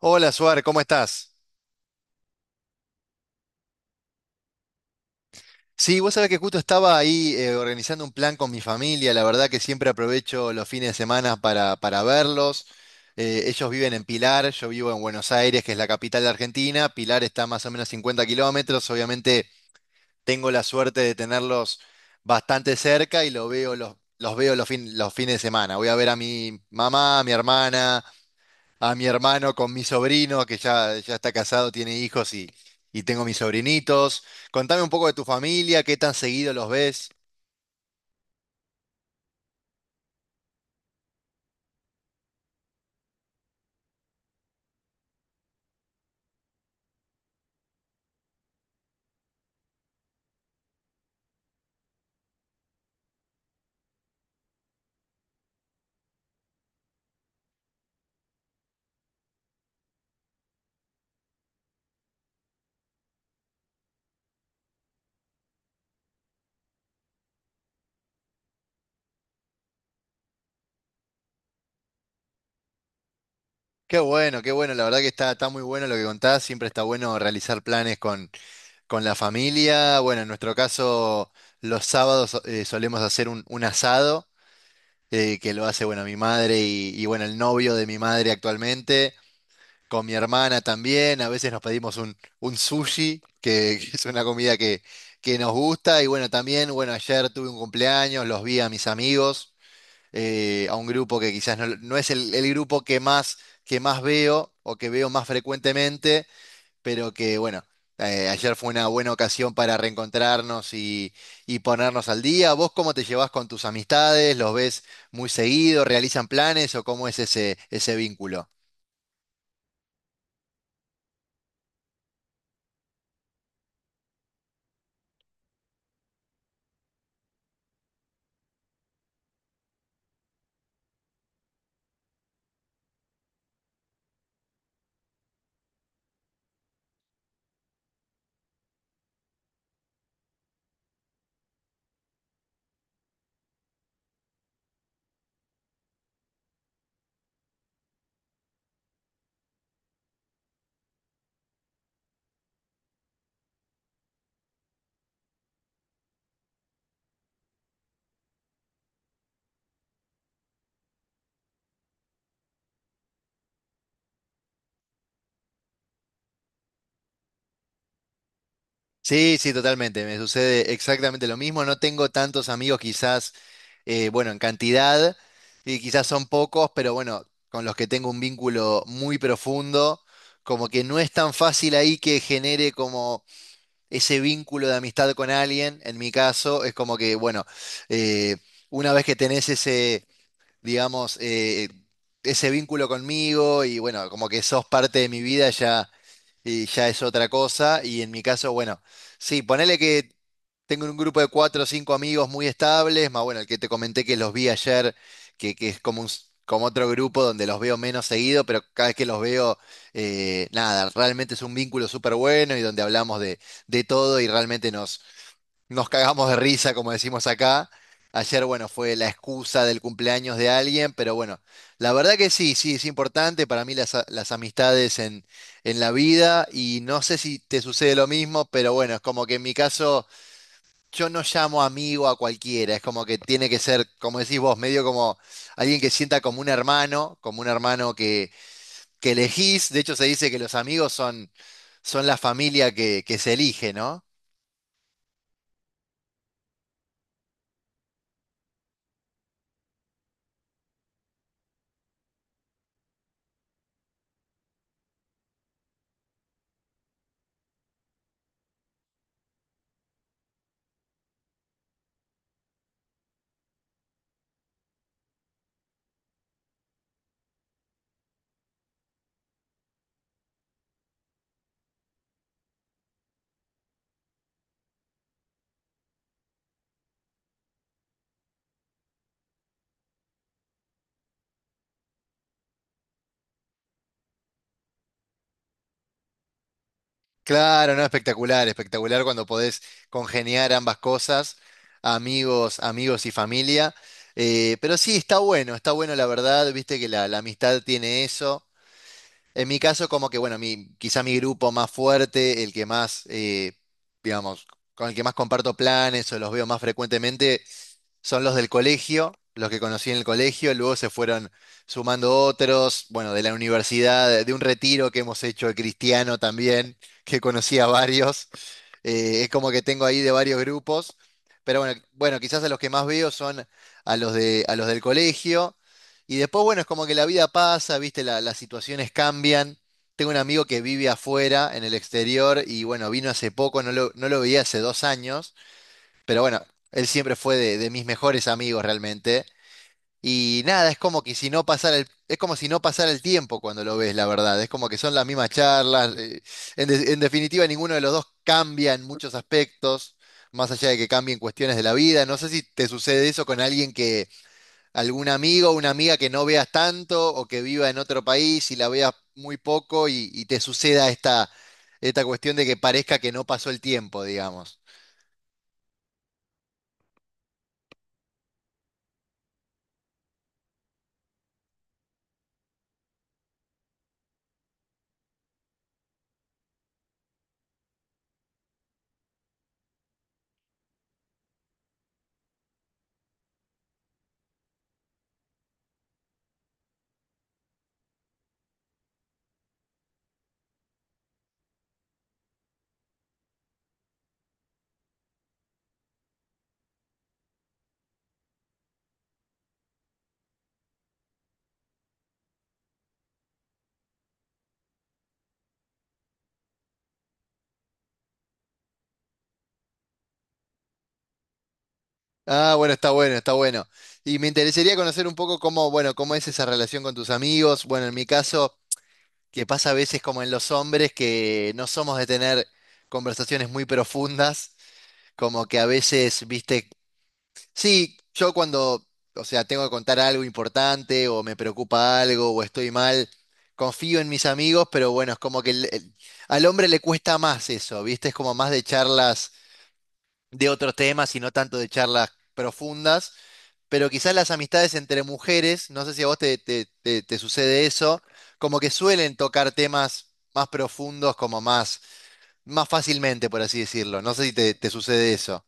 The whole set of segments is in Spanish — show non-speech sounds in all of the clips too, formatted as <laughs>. Hola, Suar, ¿cómo estás? Sí, vos sabés que justo estaba ahí organizando un plan con mi familia. La verdad que siempre aprovecho los fines de semana para verlos. Ellos viven en Pilar, yo vivo en Buenos Aires, que es la capital de Argentina. Pilar está más o menos 50 kilómetros. Obviamente tengo la suerte de tenerlos bastante cerca y lo veo, los veo los fines de semana. Voy a ver a mi mamá, a mi hermana, a mi hermano con mi sobrino, que ya está casado, tiene hijos y tengo mis sobrinitos. Contame un poco de tu familia, qué tan seguido los ves. Qué bueno, la verdad que está muy bueno lo que contás, siempre está bueno realizar planes con la familia. Bueno, en nuestro caso, los sábados solemos hacer un asado, que lo hace, bueno, mi madre y, bueno, el novio de mi madre actualmente. Con mi hermana también, a veces nos pedimos un sushi, que, <laughs> que es una comida que nos gusta. Y bueno, también, bueno, ayer tuve un cumpleaños, los vi a mis amigos, a un grupo que quizás no, no es el grupo que más veo o que veo más frecuentemente, pero que bueno, ayer fue una buena ocasión para reencontrarnos y ponernos al día. ¿Vos cómo te llevás con tus amistades? ¿Los ves muy seguido? ¿Realizan planes o cómo es ese vínculo? Sí, sí, totalmente. Me sucede exactamente lo mismo. No tengo tantos amigos quizás, bueno, en cantidad, y quizás son pocos, pero bueno, con los que tengo un vínculo muy profundo, como que no es tan fácil ahí que genere como ese vínculo de amistad con alguien. En mi caso, es como que, bueno, eh, una vez que tenés ese, digamos, ese vínculo conmigo y bueno, como que sos parte de mi vida, y ya es otra cosa. Y en mi caso, bueno, sí, ponele que tengo un grupo de 4 o 5 amigos muy estables, más bueno, el que te comenté que los vi ayer, que es como como otro grupo donde los veo menos seguido, pero cada vez que los veo, nada, realmente es un vínculo súper bueno y donde hablamos de todo y realmente nos, nos cagamos de risa, como decimos acá. Ayer, bueno, fue la excusa del cumpleaños de alguien, pero bueno, la verdad que sí, sí, es importante para mí las amistades en la vida y no sé si te sucede lo mismo, pero bueno, es como que en mi caso yo no llamo amigo a cualquiera, es como que tiene que ser, como decís vos, medio como alguien que sienta como un hermano que elegís. De hecho, se dice que los amigos son, son la familia que se elige, ¿no? Claro, no, espectacular, espectacular cuando podés congeniar ambas cosas, amigos, amigos y familia. Pero sí, está bueno la verdad, viste que la amistad tiene eso. En mi caso, como que, bueno, mi, quizá mi grupo más fuerte, el que más, digamos, con el que más comparto planes o los veo más frecuentemente, son los del colegio, los que conocí en el colegio, luego se fueron sumando otros, bueno, de la universidad, de un retiro que hemos hecho de cristiano también, <laughs> que conocí a varios. Es como que tengo ahí de varios grupos, pero bueno, quizás a los que más veo son a los del colegio. Y después, bueno, es como que la vida pasa, viste, las situaciones cambian. Tengo un amigo que vive afuera, en el exterior, y bueno, vino hace poco, no lo veía hace 2 años, pero bueno, él siempre fue de mis mejores amigos realmente. Y nada, es como que si no pasara el, es como si no pasara el tiempo cuando lo ves, la verdad. Es como que son las mismas charlas. En definitiva, ninguno de los dos cambia en muchos aspectos, más allá de que cambien cuestiones de la vida. No sé si te sucede eso con alguien que, algún amigo o una amiga que no veas tanto o que viva en otro país y la veas muy poco y te suceda esta cuestión de que parezca que no pasó el tiempo, digamos. Ah, bueno, está bueno, está bueno. Y me interesaría conocer un poco cómo, bueno, cómo es esa relación con tus amigos. Bueno, en mi caso, que pasa a veces como en los hombres, que no somos de tener conversaciones muy profundas, como que a veces, viste, sí, yo cuando, o sea, tengo que contar algo importante o me preocupa algo o estoy mal, confío en mis amigos, pero bueno, es como que al hombre le cuesta más eso, viste, es como más de charlas de otros temas y no tanto de charlas profundas, pero quizás las amistades entre mujeres, no sé si a vos te, te sucede eso, como que suelen tocar temas más profundos, como más, más fácilmente, por así decirlo. No sé si te, te sucede eso.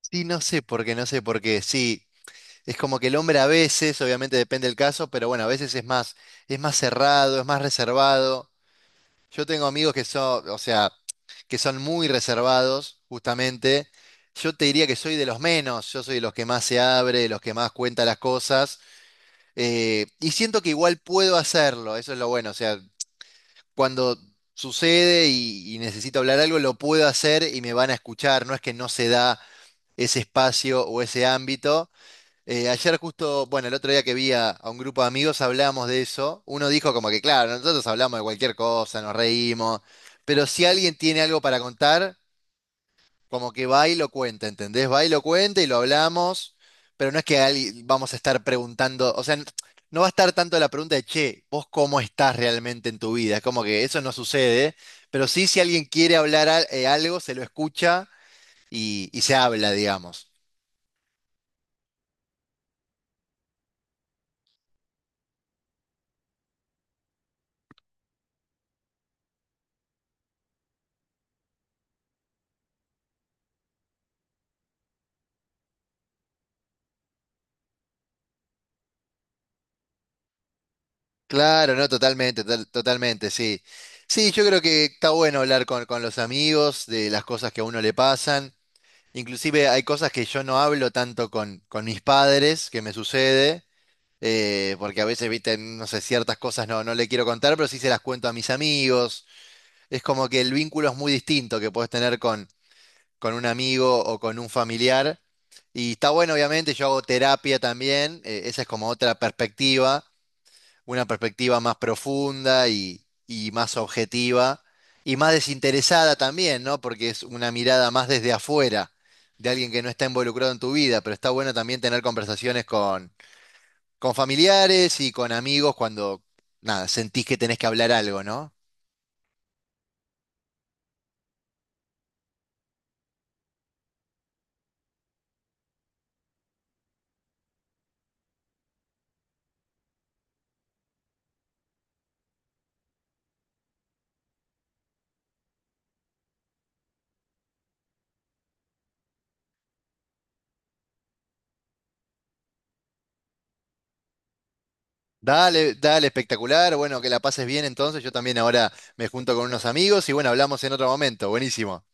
Sí, no sé por qué, no sé por qué. Sí, es como que el hombre a veces, obviamente depende del caso, pero bueno, a veces es más cerrado, es más reservado. Yo tengo amigos que son, o sea, que son muy reservados, justamente. Yo te diría que soy de los menos, yo soy de los que más se abre, de los que más cuenta las cosas. Y siento que igual puedo hacerlo, eso es lo bueno. O sea, cuando sucede y necesito hablar algo, lo puedo hacer y me van a escuchar. No es que no se da ese espacio o ese ámbito. Ayer justo, bueno, el otro día que vi a un grupo de amigos hablábamos de eso. Uno dijo como que, claro, nosotros hablamos de cualquier cosa, nos reímos, pero si alguien tiene algo para contar, como que va y lo cuenta, ¿entendés? Va y lo cuenta y lo hablamos, pero no es que alguien vamos a estar preguntando, o sea, no va a estar tanto la pregunta de, che, ¿vos cómo estás realmente en tu vida? Es como que eso no sucede, pero sí si alguien quiere hablar algo, se lo escucha y se habla, digamos. Claro, no, totalmente, totalmente, sí. Sí, yo creo que está bueno hablar con los amigos de las cosas que a uno le pasan. Inclusive hay cosas que yo no hablo tanto con mis padres, que me sucede. Porque a veces, viste, no sé, ciertas cosas no, no le quiero contar, pero sí se las cuento a mis amigos. Es como que el vínculo es muy distinto que puedes tener con un amigo o con un familiar. Y está bueno, obviamente, yo hago terapia también, esa es como otra perspectiva, una perspectiva más profunda y más objetiva y más desinteresada también, ¿no? Porque es una mirada más desde afuera, de alguien que no está involucrado en tu vida, pero está bueno también tener conversaciones con familiares y con amigos cuando, nada, sentís que tenés que hablar algo, ¿no? Dale, dale, espectacular. Bueno, que la pases bien entonces. Yo también ahora me junto con unos amigos y bueno, hablamos en otro momento. Buenísimo.